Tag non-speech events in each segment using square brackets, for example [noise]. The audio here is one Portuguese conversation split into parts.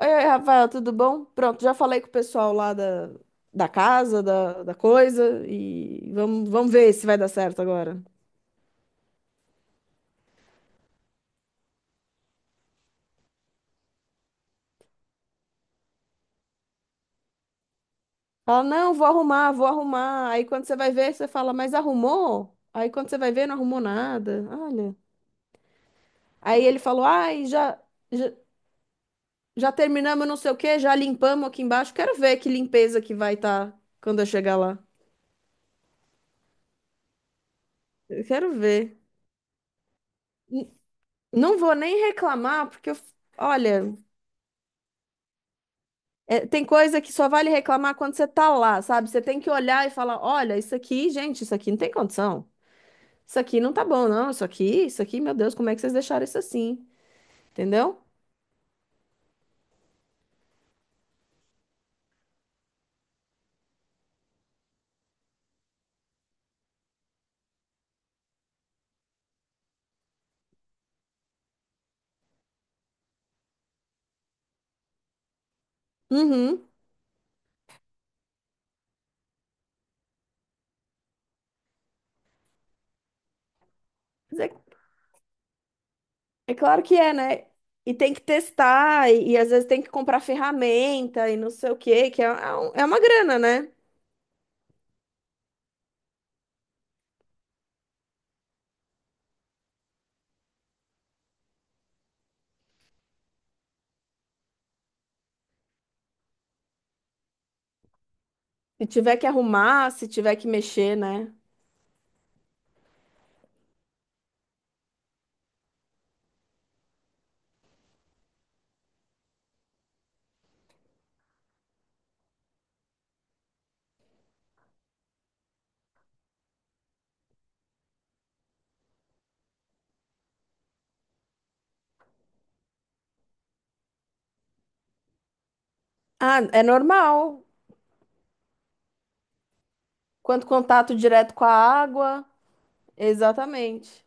Oi, oi, Rafael, tudo bom? Pronto, já falei com o pessoal lá da casa, da coisa, e vamos ver se vai dar certo agora. Fala, não, vou arrumar, vou arrumar. Aí quando você vai ver, você fala, mas arrumou? Aí quando você vai ver, não arrumou nada. Olha. Aí ele falou, ai, já, já terminamos não sei o quê, já limpamos aqui embaixo. Quero ver que limpeza que vai estar quando eu chegar lá. Eu quero ver. Não vou nem reclamar, porque eu, olha. É, tem coisa que só vale reclamar quando você tá lá, sabe? Você tem que olhar e falar: olha, isso aqui, gente, isso aqui não tem condição. Isso aqui não tá bom, não. Isso aqui, meu Deus, como é que vocês deixaram isso assim? Entendeu? Uhum. Mas é, é claro que é, né? E tem que testar, e às vezes tem que comprar ferramenta e não sei o quê, que é, é um- é uma grana, né? Se tiver que arrumar, se tiver que mexer, né? Ah, é normal. Quanto contato direto com a água. Exatamente.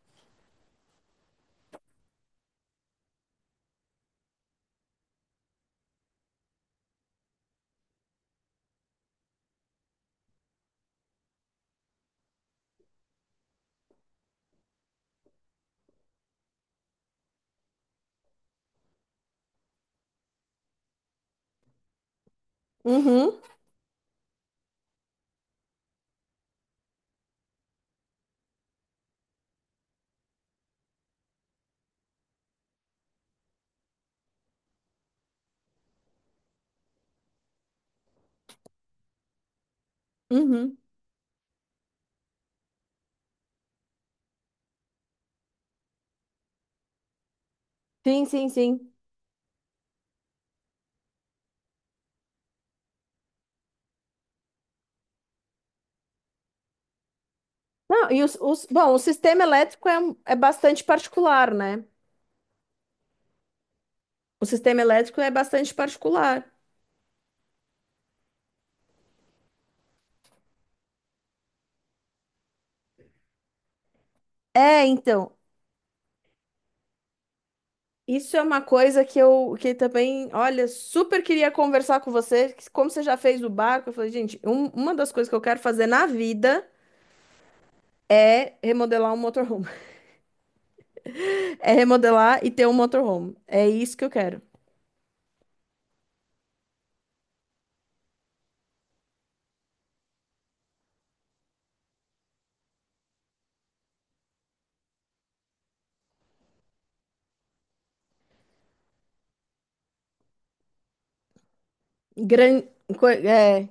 Uhum, uhum. Sim, sim, sim. Não, e bom, o sistema elétrico é, é bastante particular, né? O sistema elétrico é bastante particular. É, então, isso é uma coisa que eu que também, olha, super queria conversar com você, que como você já fez o barco, eu falei, gente, uma das coisas que eu quero fazer na vida é remodelar um motorhome. [laughs] É remodelar e ter um motorhome. É isso que eu quero. Gran, co- é,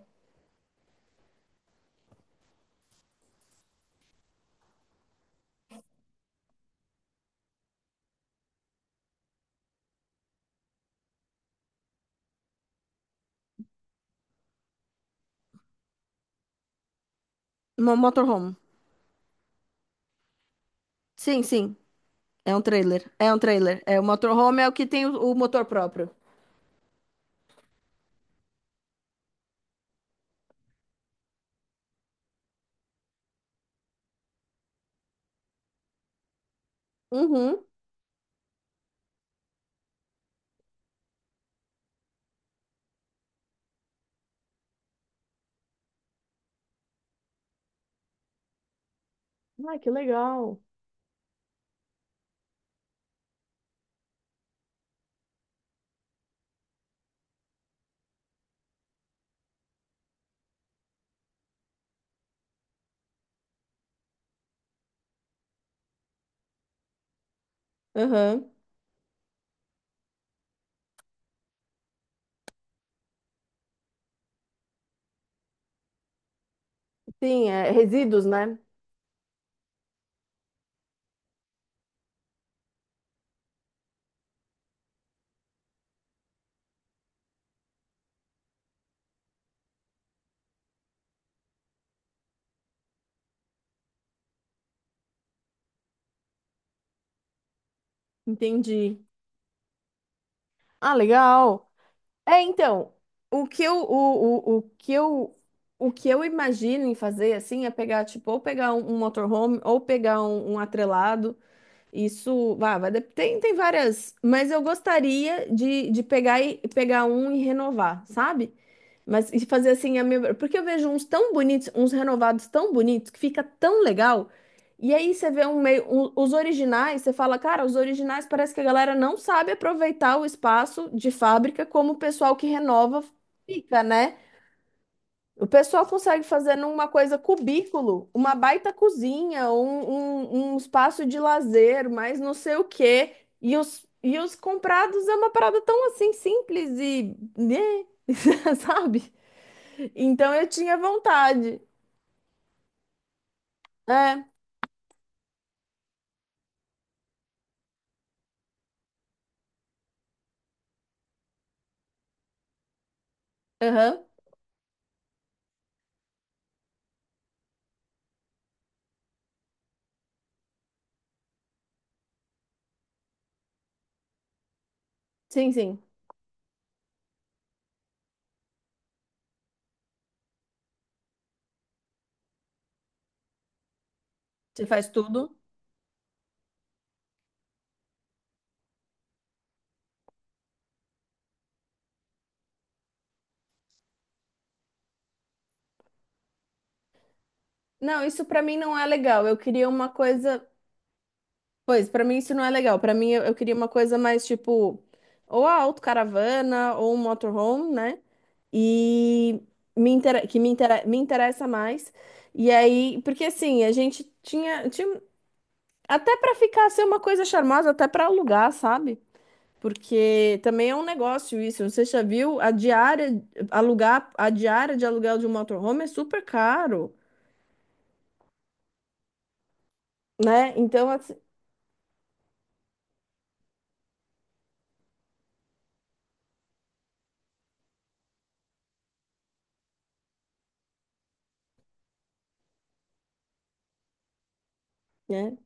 uma motorhome. Sim, sim. É um trailer. É um trailer. É, o motorhome é o que tem o motor próprio. Uhum. Ah, que legal. Uhum. Sim, é resíduos, né? Entendi. Ah, legal. É, então, o que eu, o, o, o que eu, o que eu imagino em fazer, assim, é pegar, tipo, ou pegar um motorhome, ou pegar um atrelado. Isso, vá, vai, tem várias, mas eu gostaria de pegar, e, pegar um e renovar, sabe? Mas e fazer assim, a minha... porque eu vejo uns tão bonitos, uns renovados tão bonitos, que fica tão legal. E aí você vê um meio, os originais, você fala, cara, os originais parece que a galera não sabe aproveitar o espaço de fábrica como o pessoal que renova fica, né? O pessoal consegue fazer numa coisa cubículo, uma baita cozinha, um espaço de lazer, mas não sei o quê. E os comprados é uma parada tão assim simples e, né? [laughs] Sabe? Então eu tinha vontade. É, aham. Sim, sim. Você faz tudo? Não, isso pra mim não é legal. Eu queria uma coisa. Pois, pra mim isso não é legal. Pra mim eu queria uma coisa mais tipo, ou a autocaravana ou um motorhome, né? E me intera, que me, intera, me interessa mais. E aí, porque assim, a gente tinha, tinha... até pra ficar ser uma coisa charmosa, até pra alugar, sabe? Porque também é um negócio isso. Você já viu? A diária, alugar, a diária de aluguel de um motorhome é super caro, né? Então, assim, né?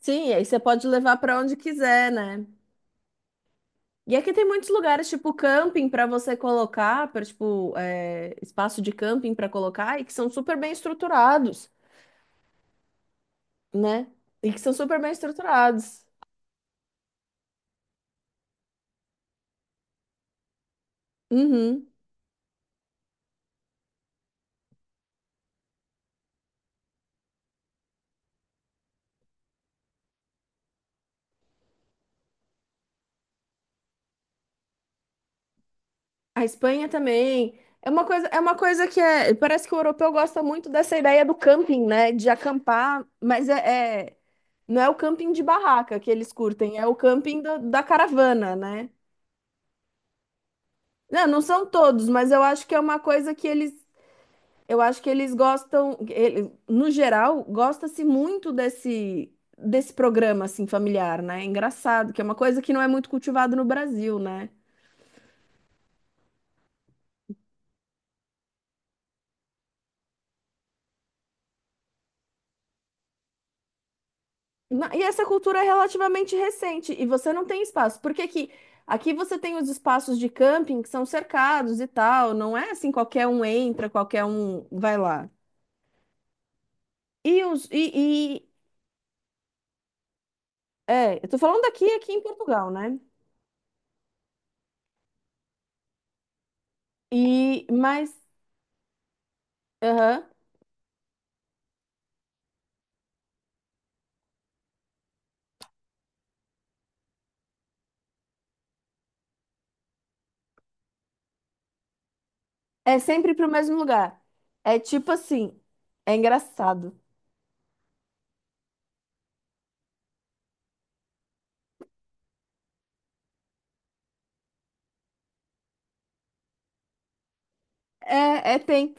Sim, aí você pode levar para onde quiser, né? E aqui tem muitos lugares, tipo camping, para você colocar, para tipo, é, espaço de camping para colocar, e que são super bem estruturados, né? E que são super bem estruturados. Uhum. A Espanha também. É uma coisa que é, parece que o europeu gosta muito dessa ideia do camping, né? De acampar, mas não é o camping de barraca que eles curtem, é o camping da caravana, né? Não, não são todos, mas eu acho que é uma coisa que eles, eu acho que eles gostam, no geral, gosta-se muito desse desse programa assim familiar, né? É engraçado, que é uma coisa que não é muito cultivado no Brasil, né? E essa cultura é relativamente recente e você não tem espaço. Porque aqui, aqui você tem os espaços de camping que são cercados e tal. Não é assim, qualquer um entra, qualquer um vai lá. E e- é, eu tô falando daqui aqui em Portugal, né? E mas aham, é sempre pro mesmo lugar. É tipo assim, é engraçado. É, é, tem.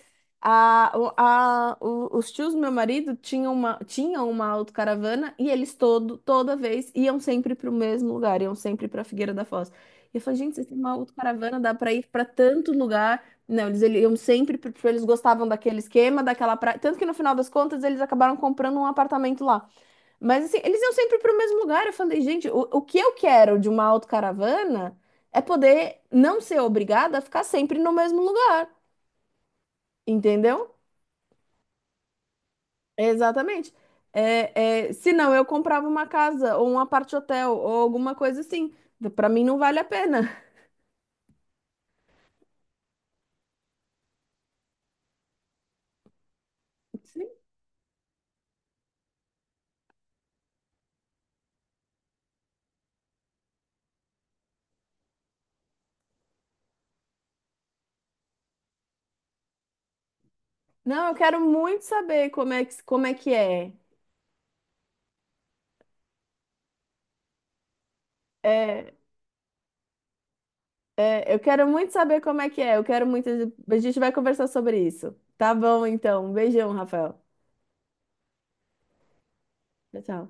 Os tios do meu marido tinham uma autocaravana e toda vez iam sempre para o mesmo lugar, iam sempre para Figueira da Foz. E eu falei, gente, vocês têm uma autocaravana, dá para ir para tanto lugar. Não, iam sempre, porque eles gostavam daquele esquema, daquela praia. Tanto que no final das contas eles acabaram comprando um apartamento lá. Mas assim, eles iam sempre para o mesmo lugar. Eu falei, gente, o que eu quero de uma autocaravana é poder não ser obrigada a ficar sempre no mesmo lugar. Entendeu? Exatamente. É, é, se não, eu comprava uma casa ou um apart hotel ou alguma coisa assim. Pra mim não vale a pena. [laughs] Sim. Não, eu quero muito saber como é que é. É, Eu quero muito saber como é que é. Eu quero muito. A gente vai conversar sobre isso. Tá bom, então. Um beijão, Rafael. Tchau, tchau.